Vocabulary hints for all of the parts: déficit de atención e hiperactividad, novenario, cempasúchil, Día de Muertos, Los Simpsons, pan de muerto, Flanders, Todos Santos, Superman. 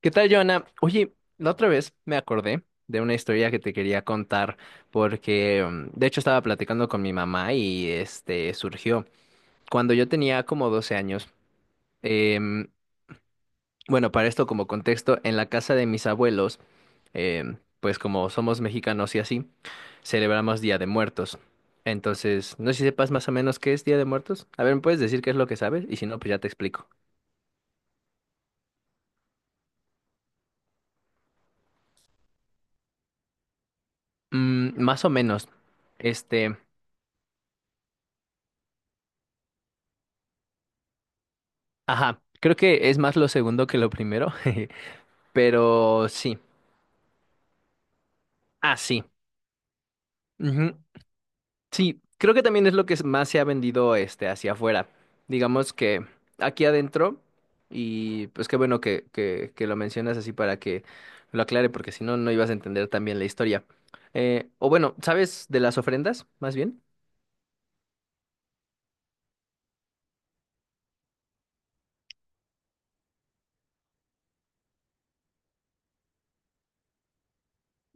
¿Qué tal, Joana? Oye, la otra vez me acordé de una historia que te quería contar porque de hecho estaba platicando con mi mamá y este surgió cuando yo tenía como 12 años. em, bueno, para esto como contexto, en la casa de mis abuelos, pues como somos mexicanos y así, celebramos Día de Muertos. Entonces, no sé si sepas más o menos qué es Día de Muertos. A ver, ¿me puedes decir qué es lo que sabes? Y si no, pues ya te explico. Mm, más o menos, este... Ajá, creo que es más lo segundo que lo primero, pero sí, ah, sí. Ujú. Sí, creo que también es lo más se ha vendido este hacia afuera. Digamos que aquí adentro, y pues qué bueno que lo mencionas así para que lo aclare, porque si no, no ibas a entender también la historia. O bueno, ¿sabes de las ofrendas, más bien?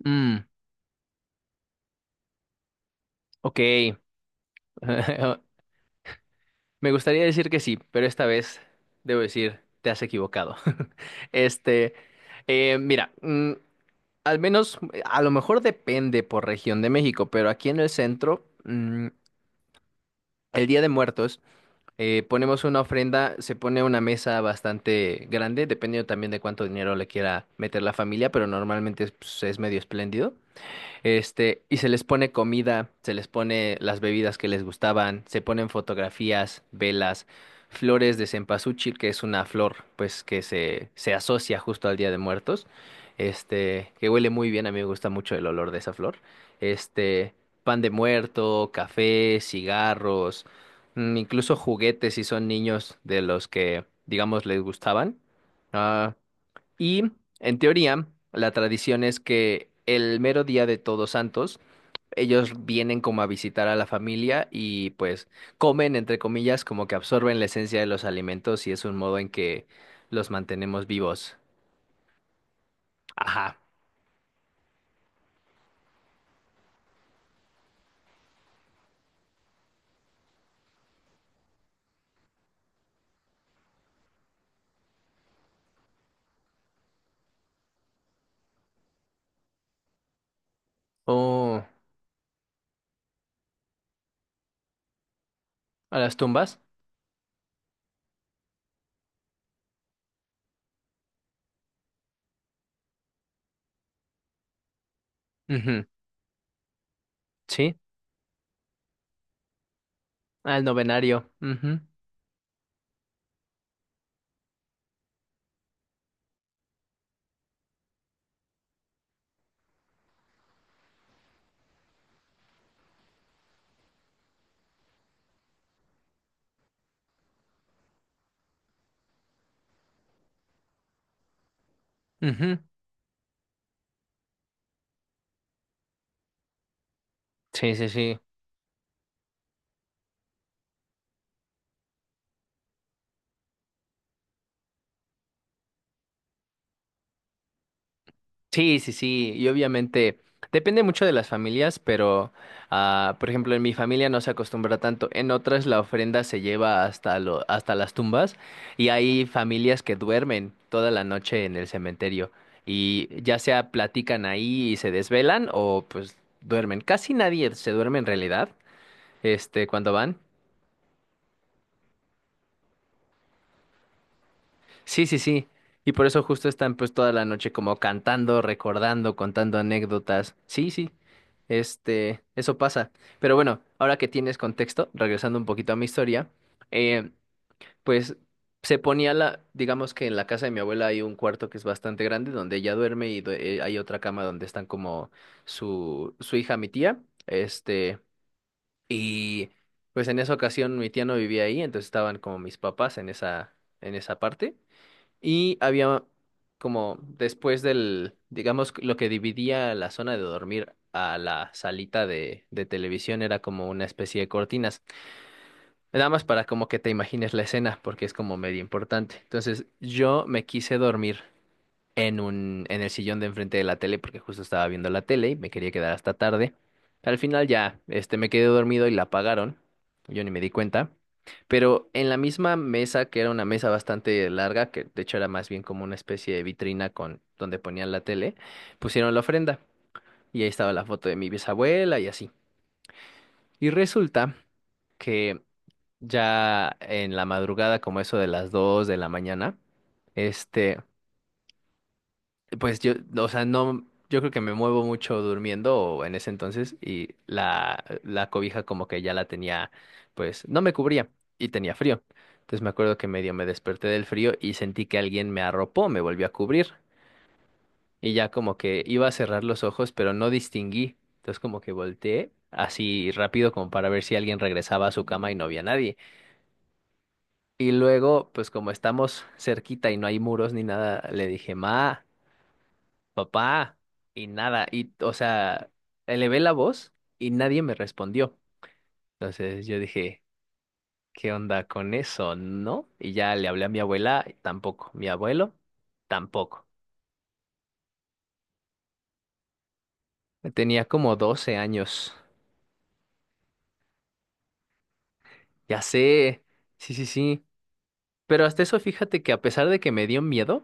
Mm, ok. Me gustaría decir que sí, pero esta vez debo decir, te has equivocado. Este, mira, al menos, a lo mejor depende por región de México, pero aquí en el centro, el Día de Muertos, ponemos una ofrenda, se pone una mesa bastante grande, dependiendo también de cuánto dinero le quiera meter la familia, pero normalmente es pues, es medio espléndido. Este, y se les pone comida, se les pone las bebidas que les gustaban, se ponen fotografías, velas, flores de cempasúchil, que es una flor, pues, que se asocia justo al Día de Muertos. Este, que huele muy bien, a mí me gusta mucho el olor de esa flor. Este, pan de muerto, café, cigarros, incluso juguetes si son niños de los que, digamos, les gustaban. Ah, y en teoría, la tradición es que el mero día de Todos Santos, ellos vienen como a visitar a la familia y pues comen, entre comillas, como que absorben la esencia de los alimentos y es un modo en que los mantenemos vivos. Ajá. Oh, a las tumbas. Ujú. Sí. Al novenario. Ujú. Ujú. Sí, sí, sí. Sí, sí, sí, y obviamente depende mucho de las familias, pero ah, por ejemplo en mi familia no se acostumbra tanto, en otras la ofrenda se lleva hasta lo, hasta las tumbas y hay familias que duermen toda la noche en el cementerio y ya sea platican ahí y se desvelan o pues duermen. Casi nadie se duerme en realidad, este, cuando van. Sí, sí, sí. Y por eso justo están pues toda la noche como cantando, recordando, contando anécdotas. Sí, sí. Este, eso pasa. Pero bueno, ahora que tienes contexto, regresando un poquito a mi historia, eh, pues se ponía la, digamos que en la casa de mi abuela hay un cuarto que es bastante grande donde ella duerme y hay otra cama donde están como su hija, mi tía, este, y pues en esa ocasión mi tía no vivía ahí, entonces estaban como mis papás en en esa parte. Y había como después del, digamos, lo que dividía la zona de dormir a la salita de televisión era como una especie de cortinas. Nada más para como que te imagines la escena, porque es como medio importante. Entonces yo me quise dormir en en el sillón de enfrente de la tele porque justo estaba viendo la tele y me quería quedar hasta tarde. Al final ya, este, me quedé dormido y la apagaron. Yo ni me di cuenta. Pero en la misma mesa, que era una mesa bastante larga, que de hecho era más bien como una especie de vitrina con donde ponían la tele, pusieron la ofrenda y ahí estaba la foto de mi bisabuela y así. Y resulta que ya en la madrugada, como eso de las 2 de la mañana, este, pues yo, o sea, no, yo creo que me muevo mucho durmiendo o en ese entonces y la cobija como que ya la tenía, pues no me cubría y tenía frío. Entonces me acuerdo que medio me desperté del frío y sentí que alguien me arropó, me volvió a cubrir y ya como que iba a cerrar los ojos, pero no distinguí. Entonces como que volteé así rápido como para ver si alguien regresaba a su cama y no había nadie. Y luego, pues como estamos cerquita y no hay muros ni nada, le dije, Ma. Papá, y nada, y, o sea, elevé la voz y nadie me respondió. Entonces yo dije, ¿qué onda con eso? ¿No? Y ya le hablé a mi abuela, y tampoco, mi abuelo, tampoco. Tenía como 12 años, ya sé, sí, sí, sí. Pero hasta eso, fíjate que a pesar de que me dio miedo,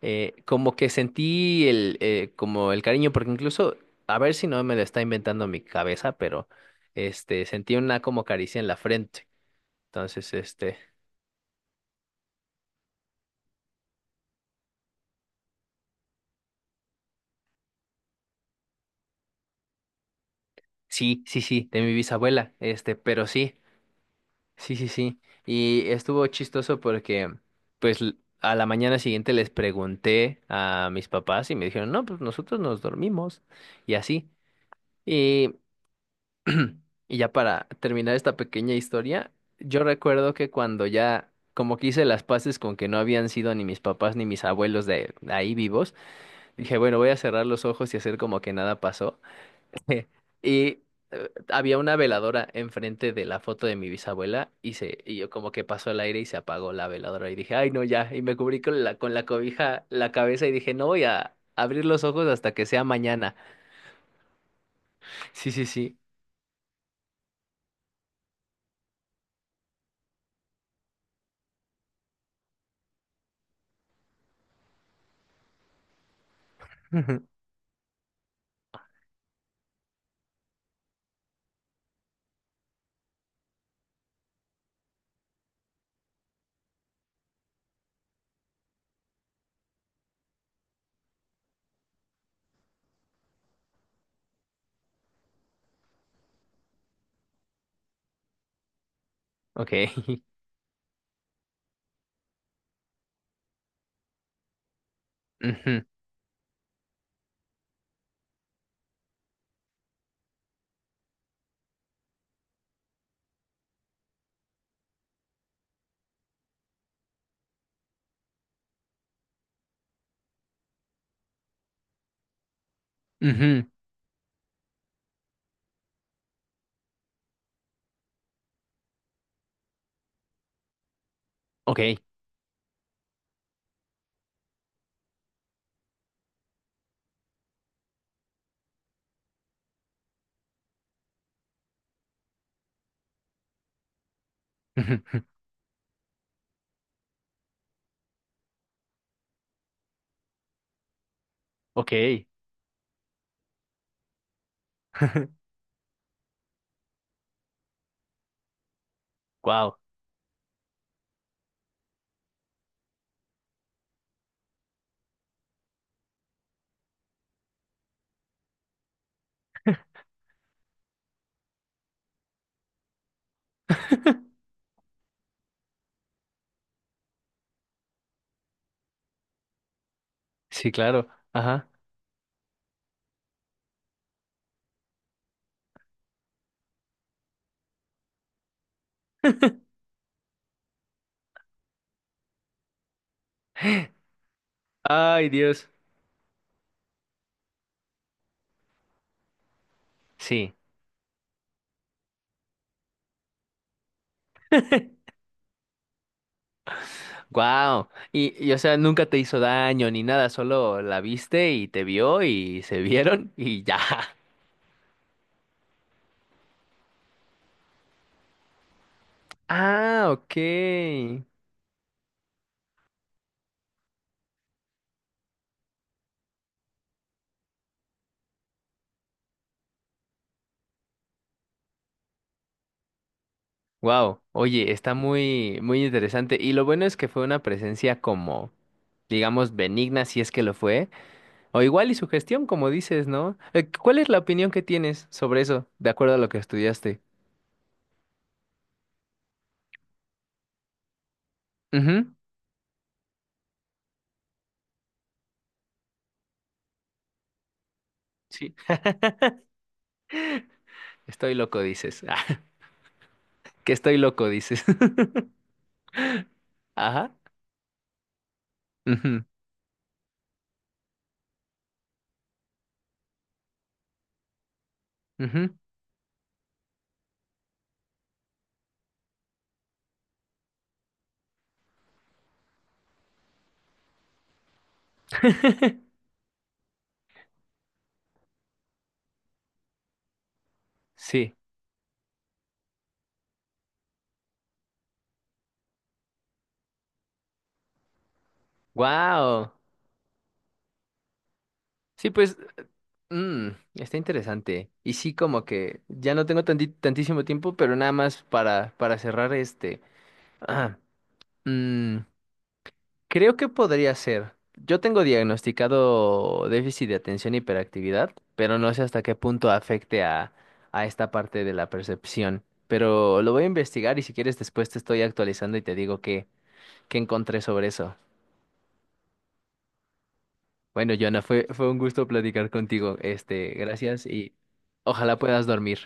como que sentí el, como el cariño, porque incluso, a ver si no me lo está inventando mi cabeza, pero, este, sentí una como caricia en la frente. Entonces, este, sí, sí, sí, de mi bisabuela, este, pero sí, sí, sí, sí. Y estuvo chistoso porque, pues, a la mañana siguiente les pregunté a mis papás y me dijeron, no, pues nosotros nos dormimos y así. Y, y ya para terminar esta pequeña historia, yo recuerdo que cuando ya, como que hice las paces con que no habían sido ni mis papás ni mis abuelos de ahí vivos, dije, bueno, voy a cerrar los ojos y hacer como que nada pasó. Y había una veladora enfrente de la foto de mi bisabuela y yo como que pasó el aire y se apagó la veladora y dije, ay no, ya. Y me cubrí con con la cobija la cabeza y dije, no voy a abrir los ojos hasta que sea mañana. Sí, sí, sí. Ujú. Ok. Ujú. Ujú. Ok. Ujú. Ok. Wow. Sí, claro. Ajá. Ay, Dios. Sí. Wow. Y, o sea, nunca te hizo daño ni nada, solo la viste y te vio y se vieron y ya. Ah, ok. Wow. Oye, está muy interesante. Y lo bueno es que fue una presencia como, digamos, benigna, si es que lo fue. O igual y su gestión, como dices, ¿no? ¿Cuál es la opinión que tienes sobre eso, de acuerdo a lo que estudiaste? Ujú, sí, estoy loco, dices. Que estoy loco, dices. Ajá. Ujú, ujú. Sí. Wow. Sí, pues, mm, está interesante. Y sí, como que ya no tengo tantísimo tiempo, pero nada más para cerrar este. Ah, mm, creo que podría ser. Yo tengo diagnosticado déficit de atención e hiperactividad, pero no sé hasta qué punto afecte a esta parte de la percepción. Pero lo voy a investigar y si quieres después te estoy actualizando y te digo qué, qué encontré sobre eso. Bueno, Joana, fue, fue un gusto platicar contigo. Este, gracias y ojalá puedas dormir.